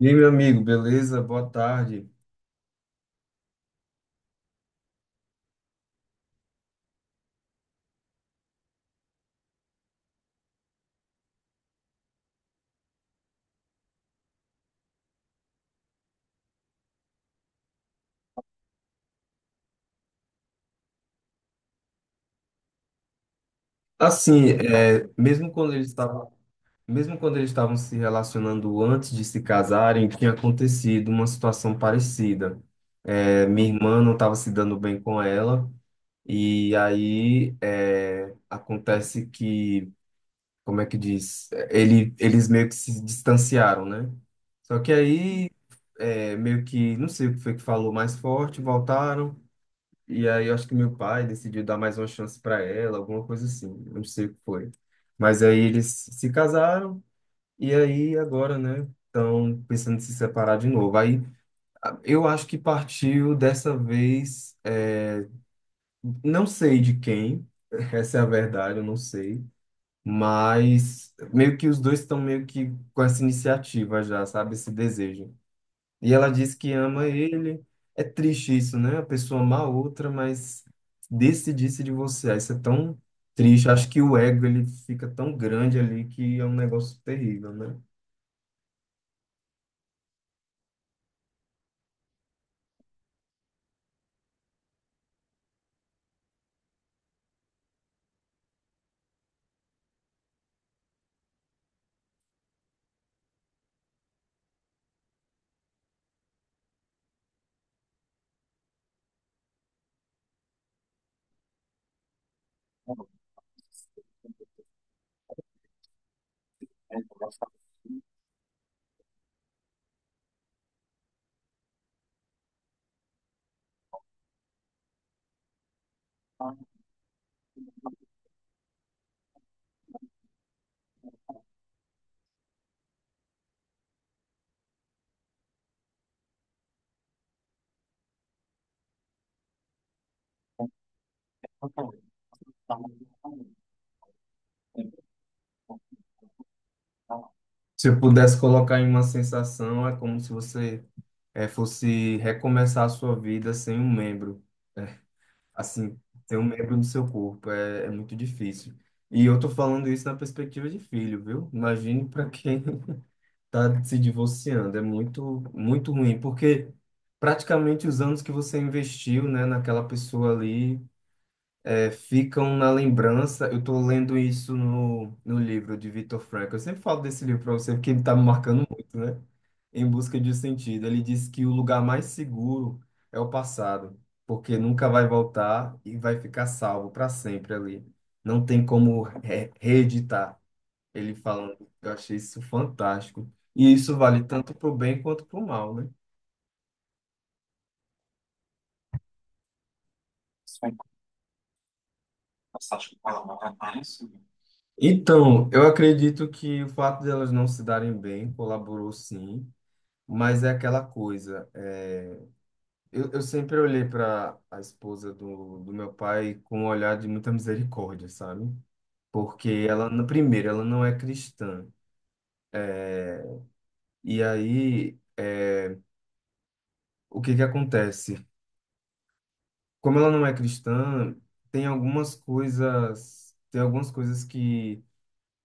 E aí, meu amigo, beleza? Boa tarde. Assim, é, mesmo quando eles estavam, mesmo quando eles estavam se relacionando antes de se casarem, tinha acontecido uma situação parecida. É, minha irmã não estava se dando bem com ela, e aí é, acontece que, como é que diz? Eles meio que se distanciaram, né? Só que aí, é, meio que, não sei o que foi que falou mais forte, voltaram. E aí eu acho que meu pai decidiu dar mais uma chance para ela, alguma coisa assim, não sei o que foi. Mas aí eles se casaram e aí agora, né, estão pensando em se separar de novo. Aí eu acho que partiu dessa vez, é, não sei de quem, essa é a verdade, eu não sei. Mas meio que os dois estão meio que com essa iniciativa já, sabe, esse desejo. E ela diz que ama ele. É triste isso, né? A pessoa ama a outra, mas decidir-se de você. Ah, isso é tão triste. Acho que o ego ele fica tão grande ali que é um negócio terrível, né? Se eu pudesse colocar em uma sensação, é como se você fosse recomeçar a sua vida sem um membro, assim, sem um membro do seu corpo. É, é muito difícil. E eu tô falando isso na perspectiva de filho, viu? Imagine para quem tá se divorciando. É muito, muito ruim, porque praticamente os anos que você investiu, né, naquela pessoa ali, é, ficam na lembrança. Eu tô lendo isso no livro de Viktor Frankl. Eu sempre falo desse livro para você, porque ele tá me marcando muito, né? Em busca de um sentido. Ele diz que o lugar mais seguro é o passado, porque nunca vai voltar e vai ficar salvo para sempre ali. Não tem como reeditar. Ele falando, eu achei isso fantástico. E isso vale tanto para o bem quanto para o mal, né? Então, eu acredito que o fato de elas não se darem bem colaborou sim, mas é aquela coisa. É, eu sempre olhei para a esposa do meu pai com um olhar de muita misericórdia, sabe? Porque ela, na- primeiro, ela não é cristã. E aí, é, o que que acontece? Como ela não é cristã, tem algumas coisas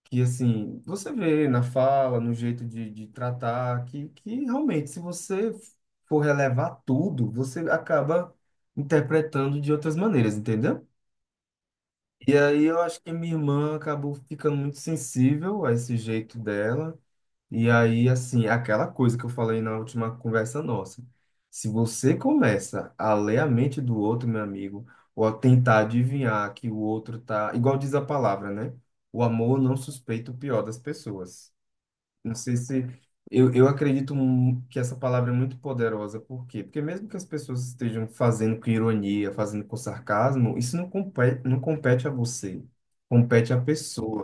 que assim, você vê na fala, no jeito de tratar, que realmente, se você for relevar tudo, você acaba interpretando de outras maneiras, entendeu? E aí eu acho que minha irmã acabou ficando muito sensível a esse jeito dela. E aí, assim, aquela coisa que eu falei na última conversa nossa. Se você começa a ler a mente do outro, meu amigo, ou a tentar adivinhar que o outro tá, igual diz a palavra, né? O amor não suspeita o pior das pessoas. Não sei se eu acredito que essa palavra é muito poderosa, por quê? Porque mesmo que as pessoas estejam fazendo com ironia, fazendo com sarcasmo, isso não compete, não compete a você, compete à pessoa,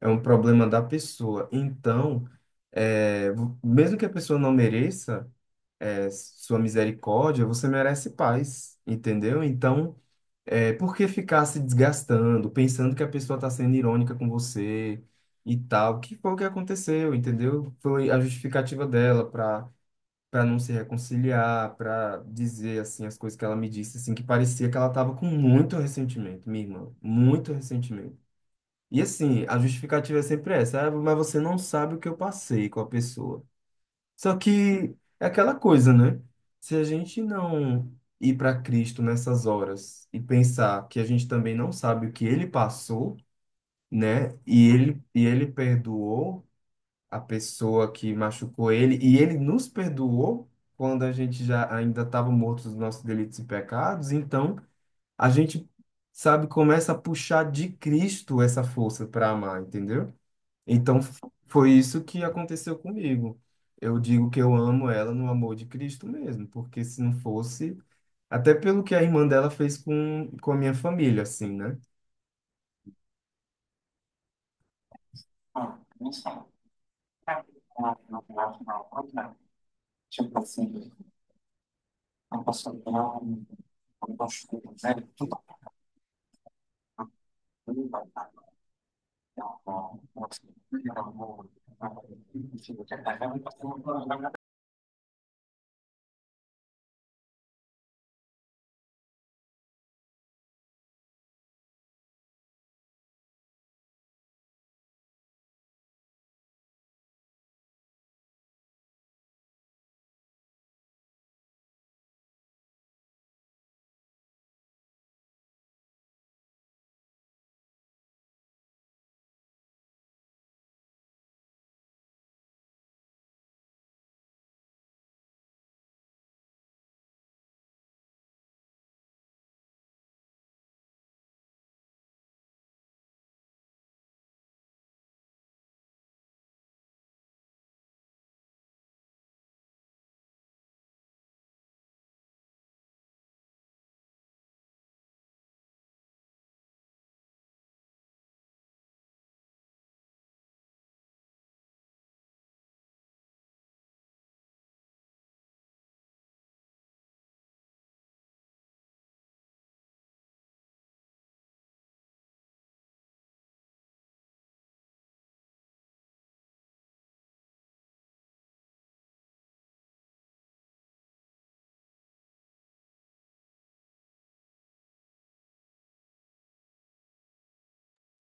é um problema da pessoa. Então, é, mesmo que a pessoa não mereça, é, sua misericórdia, você merece paz, entendeu? Então, é, por que ficar se desgastando, pensando que a pessoa está sendo irônica com você e tal? Que foi o que aconteceu, entendeu? Foi a justificativa dela para não se reconciliar, para dizer assim as coisas que ela me disse, assim que parecia que ela estava com muito ressentimento, minha irmã, muito ressentimento. E assim, a justificativa é sempre essa, "Ah, mas você não sabe o que eu passei com a pessoa." Só que é aquela coisa, né? Se a gente não ir para Cristo nessas horas e pensar que a gente também não sabe o que ele passou, né? E ele perdoou a pessoa que machucou ele, e ele nos perdoou quando a gente já ainda estava morto dos nossos delitos e pecados, então a gente, sabe, começa a puxar de Cristo essa força para amar, entendeu? Então, foi isso que aconteceu comigo. Eu digo que eu amo ela no amor de Cristo mesmo, porque se não fosse, até pelo que a irmã dela fez com a minha família, assim, né?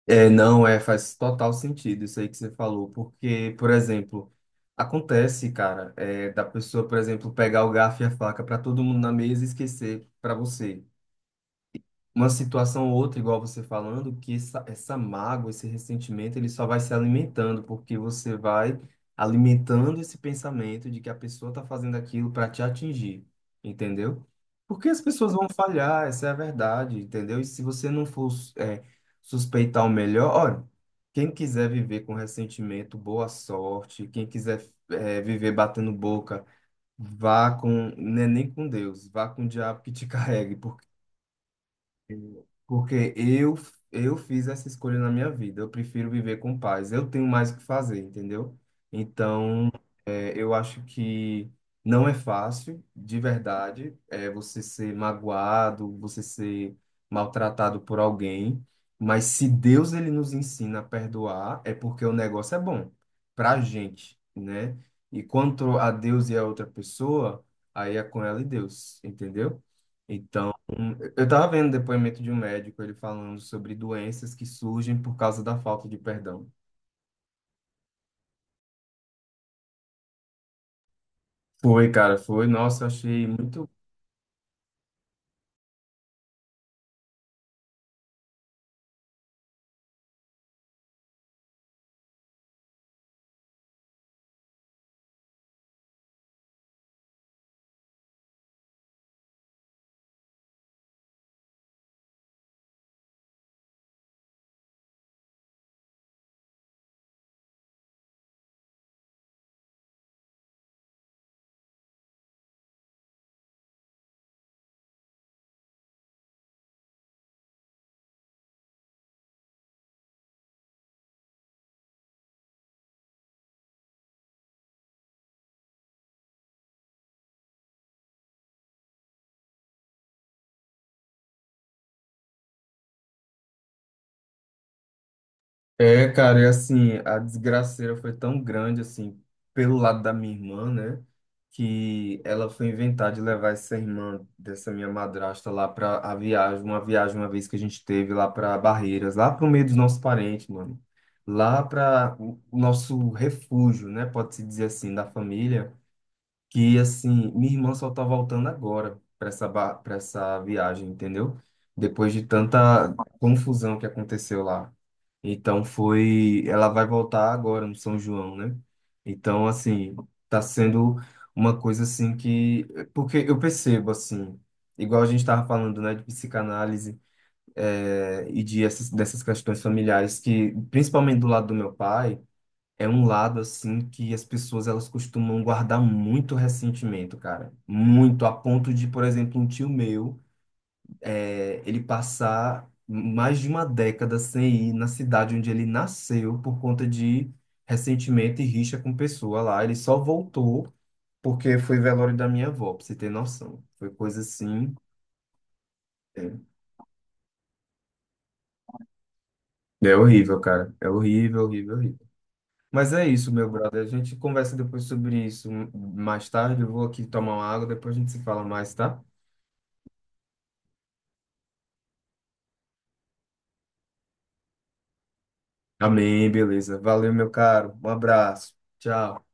É, não, é, faz total sentido isso aí que você falou, porque, por exemplo, acontece, cara, é, da pessoa, por exemplo, pegar o garfo e a faca para todo mundo na mesa e esquecer para você. Uma situação ou outra, igual você falando, que essa mágoa, esse ressentimento, ele só vai se alimentando, porque você vai alimentando esse pensamento de que a pessoa está fazendo aquilo para te atingir, entendeu? Porque as pessoas vão falhar, essa é a verdade, entendeu? E se você não for, é, suspeitar o melhor, olha, quem quiser viver com ressentimento, boa sorte, quem quiser, é, viver batendo boca, vá com, né, nem com Deus, vá com o diabo que te carregue, porque eu fiz essa escolha na minha vida. Eu prefiro viver com paz. Eu tenho mais o que fazer, entendeu? Então, é, eu acho que não é fácil, de verdade, é, você ser magoado, você ser maltratado por alguém. Mas se Deus ele nos ensina a perdoar, é porque o negócio é bom pra gente, né? E quanto a Deus e a outra pessoa, aí é com ela e Deus, entendeu? Então. Eu estava vendo depoimento de um médico, ele falando sobre doenças que surgem por causa da falta de perdão. Foi, cara, foi. Nossa, eu achei muito. É, cara, e assim, a desgraceira foi tão grande, assim, pelo lado da minha irmã, né? Que ela foi inventar de levar essa irmã dessa minha madrasta lá pra a viagem uma vez que a gente teve lá pra Barreiras, lá pro meio dos nossos parentes, mano. Lá para o nosso refúgio, né? Pode-se dizer assim, da família. Que assim, minha irmã só tá voltando agora para essa viagem, entendeu? Depois de tanta confusão que aconteceu lá. Então foi, ela vai voltar agora no São João, né? Então assim, tá sendo uma coisa assim que porque eu percebo assim, igual a gente tava falando, né, de psicanálise, e de essas, dessas questões familiares que, principalmente do lado do meu pai, é um lado assim que as pessoas elas costumam guardar muito ressentimento, cara. Muito, a ponto de, por exemplo, um tio meu, é, ele passar mais de uma década sem ir na cidade onde ele nasceu por conta de ressentimento e rixa com pessoa lá. Ele só voltou porque foi velório da minha avó, pra você ter noção. Foi coisa assim. É, é horrível, cara. É horrível, horrível, horrível. Mas é isso, meu brother. A gente conversa depois sobre isso mais tarde. Eu vou aqui tomar uma água, depois a gente se fala mais, tá? Amém, beleza. Valeu, meu caro. Um abraço. Tchau.